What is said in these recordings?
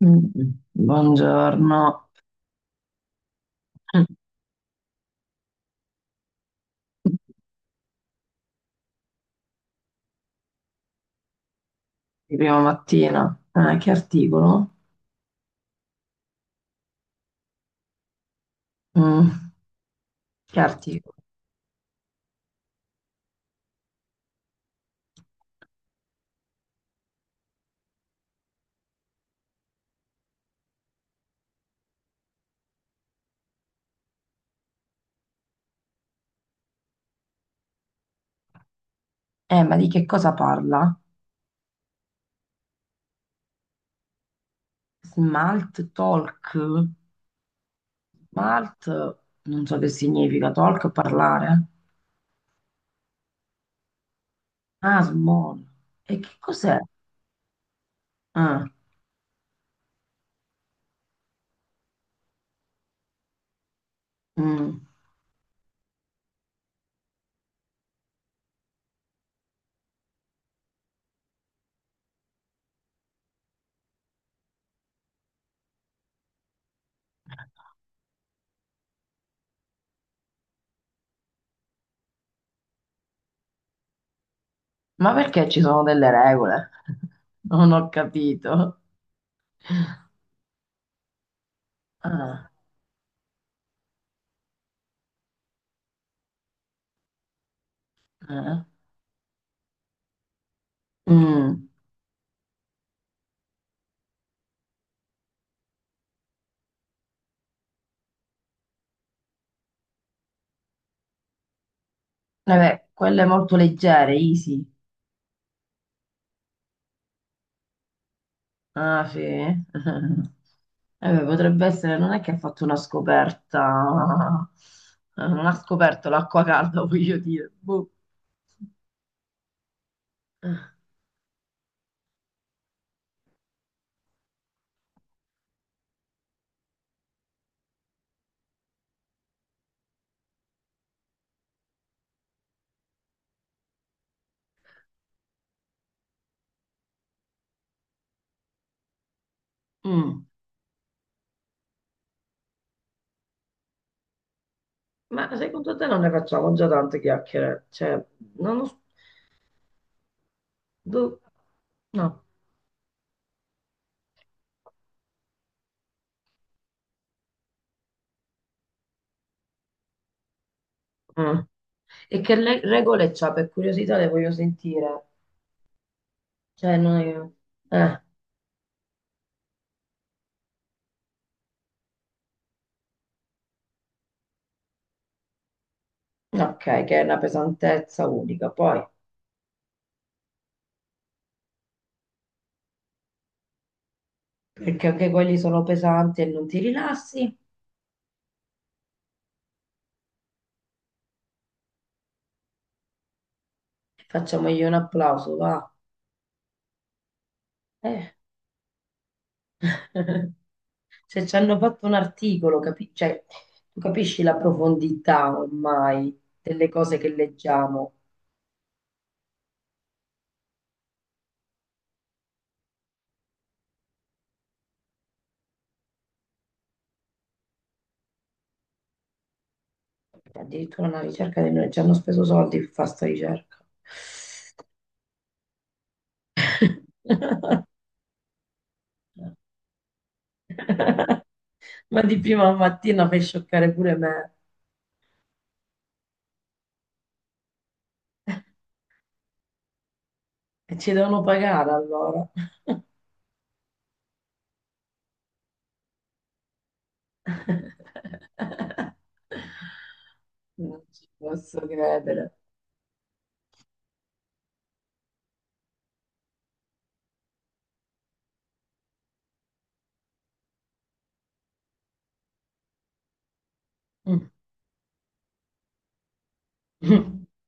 Mm. Buongiorno, di prima mattina. Che articolo? Mm. Che articolo? Ma di che cosa parla? Smalt talk? Smalt, non so che significa, talk parlare. Ah, small. E che cos'è? Ah, mm. Ma perché ci sono delle regole? Non ho capito. Ah, eh. Mm. Vabbè, quelle molto leggere, easy. Ah, sì. Beh, potrebbe essere, non è che ha fatto una scoperta, non ha scoperto l'acqua calda, voglio dire. Boh. Mm. Ma secondo te non ne facciamo già tante chiacchiere? Cioè, non lo s- boh, no. Mm. E che regole c'ha? Per curiosità le voglio sentire. Cioè, noi... eh, no, ok, che è una pesantezza unica. Poi, perché anche quelli sono pesanti e non ti rilassi? Facciamogli un applauso, va. Eh. Se ci hanno fatto un articolo, cioè, tu capisci la profondità ormai delle cose che leggiamo. Addirittura una ricerca di noi, ci hanno speso soldi per fare sta ricerca. Ma di prima mattina fai scioccare pure me. E ci devono pagare allora. Non ci posso credere. Mm.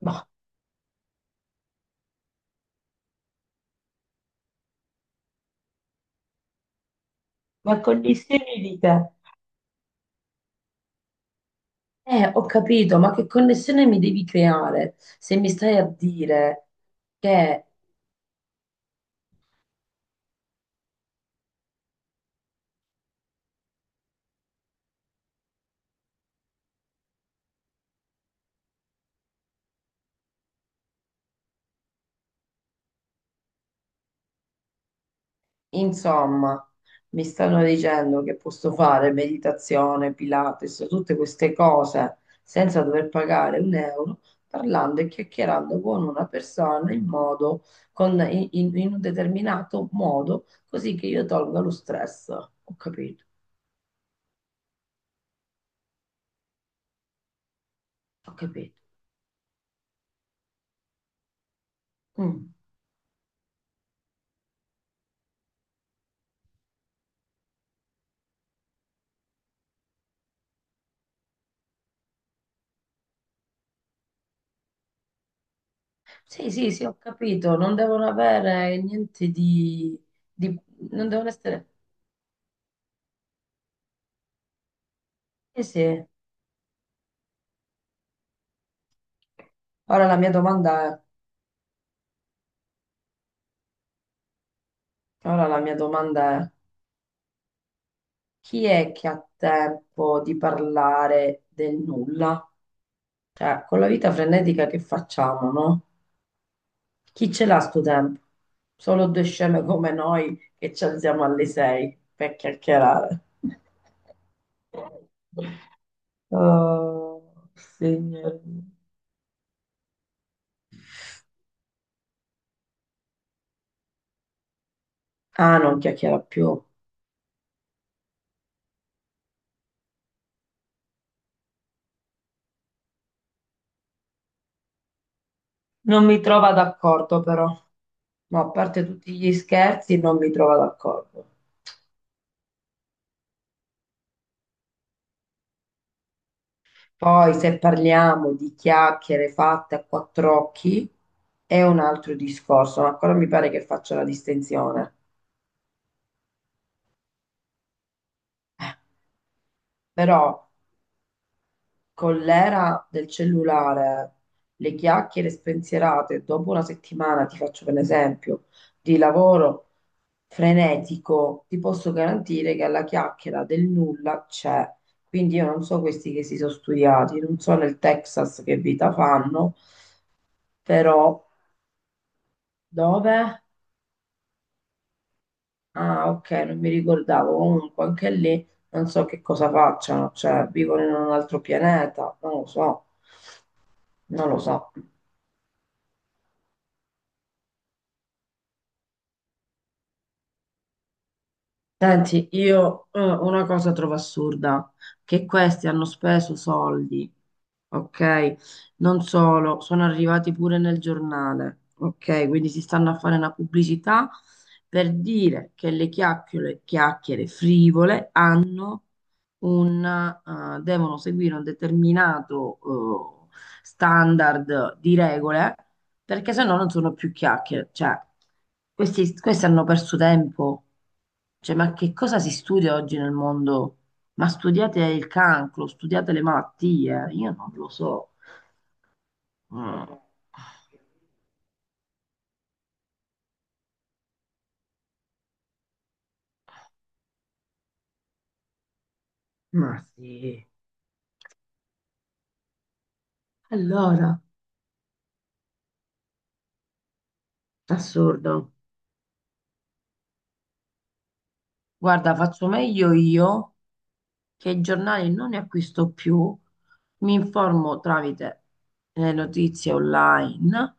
Ma, ma con gli semi di te. Ho capito, ma che connessione mi devi creare se mi stai a dire che, insomma, mi stanno dicendo che posso fare meditazione, Pilates, tutte queste cose senza dover pagare un euro, parlando e chiacchierando con una persona in modo, in un determinato modo, così che io tolga lo stress. Ho capito, ho capito. Mm. Sì, sì, sì, ho capito, non devono avere niente di, di- non devono essere... Eh sì, ora la mia domanda è, ora la mia domanda è, chi è che ha tempo di parlare del nulla? Cioè, con la vita frenetica che facciamo, no? Chi ce l'ha sto tempo? Solo due sceme come noi che ci alziamo alle sei per chiacchierare. Oh, signore. Ah, non chiacchiera più. Non mi trova d'accordo però, ma a parte tutti gli scherzi, non mi trova d'accordo. Poi se parliamo di chiacchiere fatte a quattro occhi è un altro discorso, ma ancora mi pare che faccia la distinzione. Eh, Però con l'era del cellulare, le chiacchiere spensierate dopo una settimana, ti faccio per esempio, di lavoro frenetico, ti posso garantire che alla chiacchiera del nulla c'è. Quindi io non so questi che si sono studiati, non so nel Texas che vita fanno, però dove? Ah, ok, non mi ricordavo. Comunque anche lì non so che cosa facciano, cioè vivono in un altro pianeta, non lo so, non lo so. Senti, io una cosa trovo assurda, che questi hanno speso soldi, ok? Non solo, sono arrivati pure nel giornale, ok? Quindi si stanno a fare una pubblicità per dire che le chiacchiere, chiacchiere frivole hanno un, devono seguire un determinato standard di regole perché sennò non sono più chiacchiere. Cioè, questi hanno perso tempo. Cioè, ma che cosa si studia oggi nel mondo? Ma studiate il cancro, studiate le malattie, io non lo so. Mm. Ma sì, allora, assurdo. Guarda, faccio meglio io che i giornali non ne acquisto più, mi informo tramite le notizie online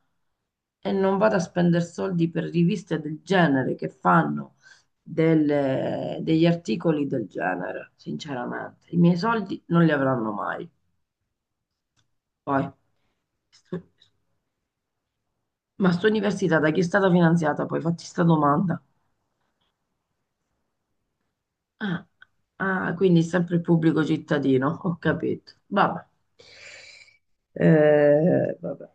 e non vado a spendere soldi per riviste del genere che fanno degli articoli del genere, sinceramente. I miei soldi non li avranno mai. Poi, stu- ma sta università da chi è stata finanziata? Poi fatti sta domanda. Ah, ah, quindi sempre il pubblico cittadino, ho capito. Vabbè. Vabbè.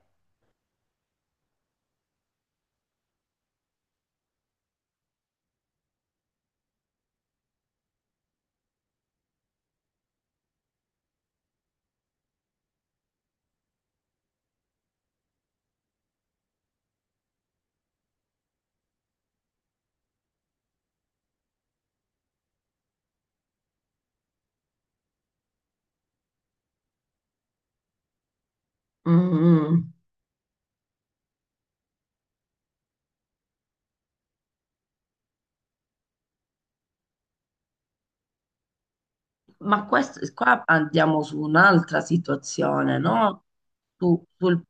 Mm, ma questo, qua andiamo su un'altra situazione, no? Tu, sul,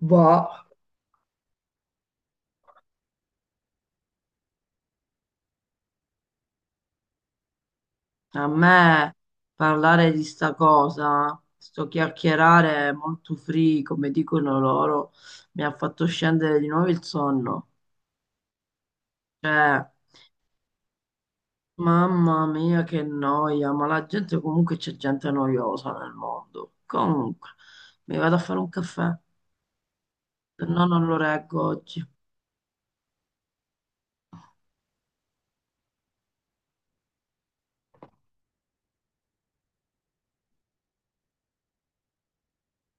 boh. A me parlare di sta cosa, sto chiacchierare molto free, come dicono loro, mi ha fatto scendere di nuovo il sonno. Cioè, mamma mia, che noia, ma la gente comunque c'è gente noiosa nel mondo. Comunque, mi vado a fare un caffè, se no non lo reggo oggi.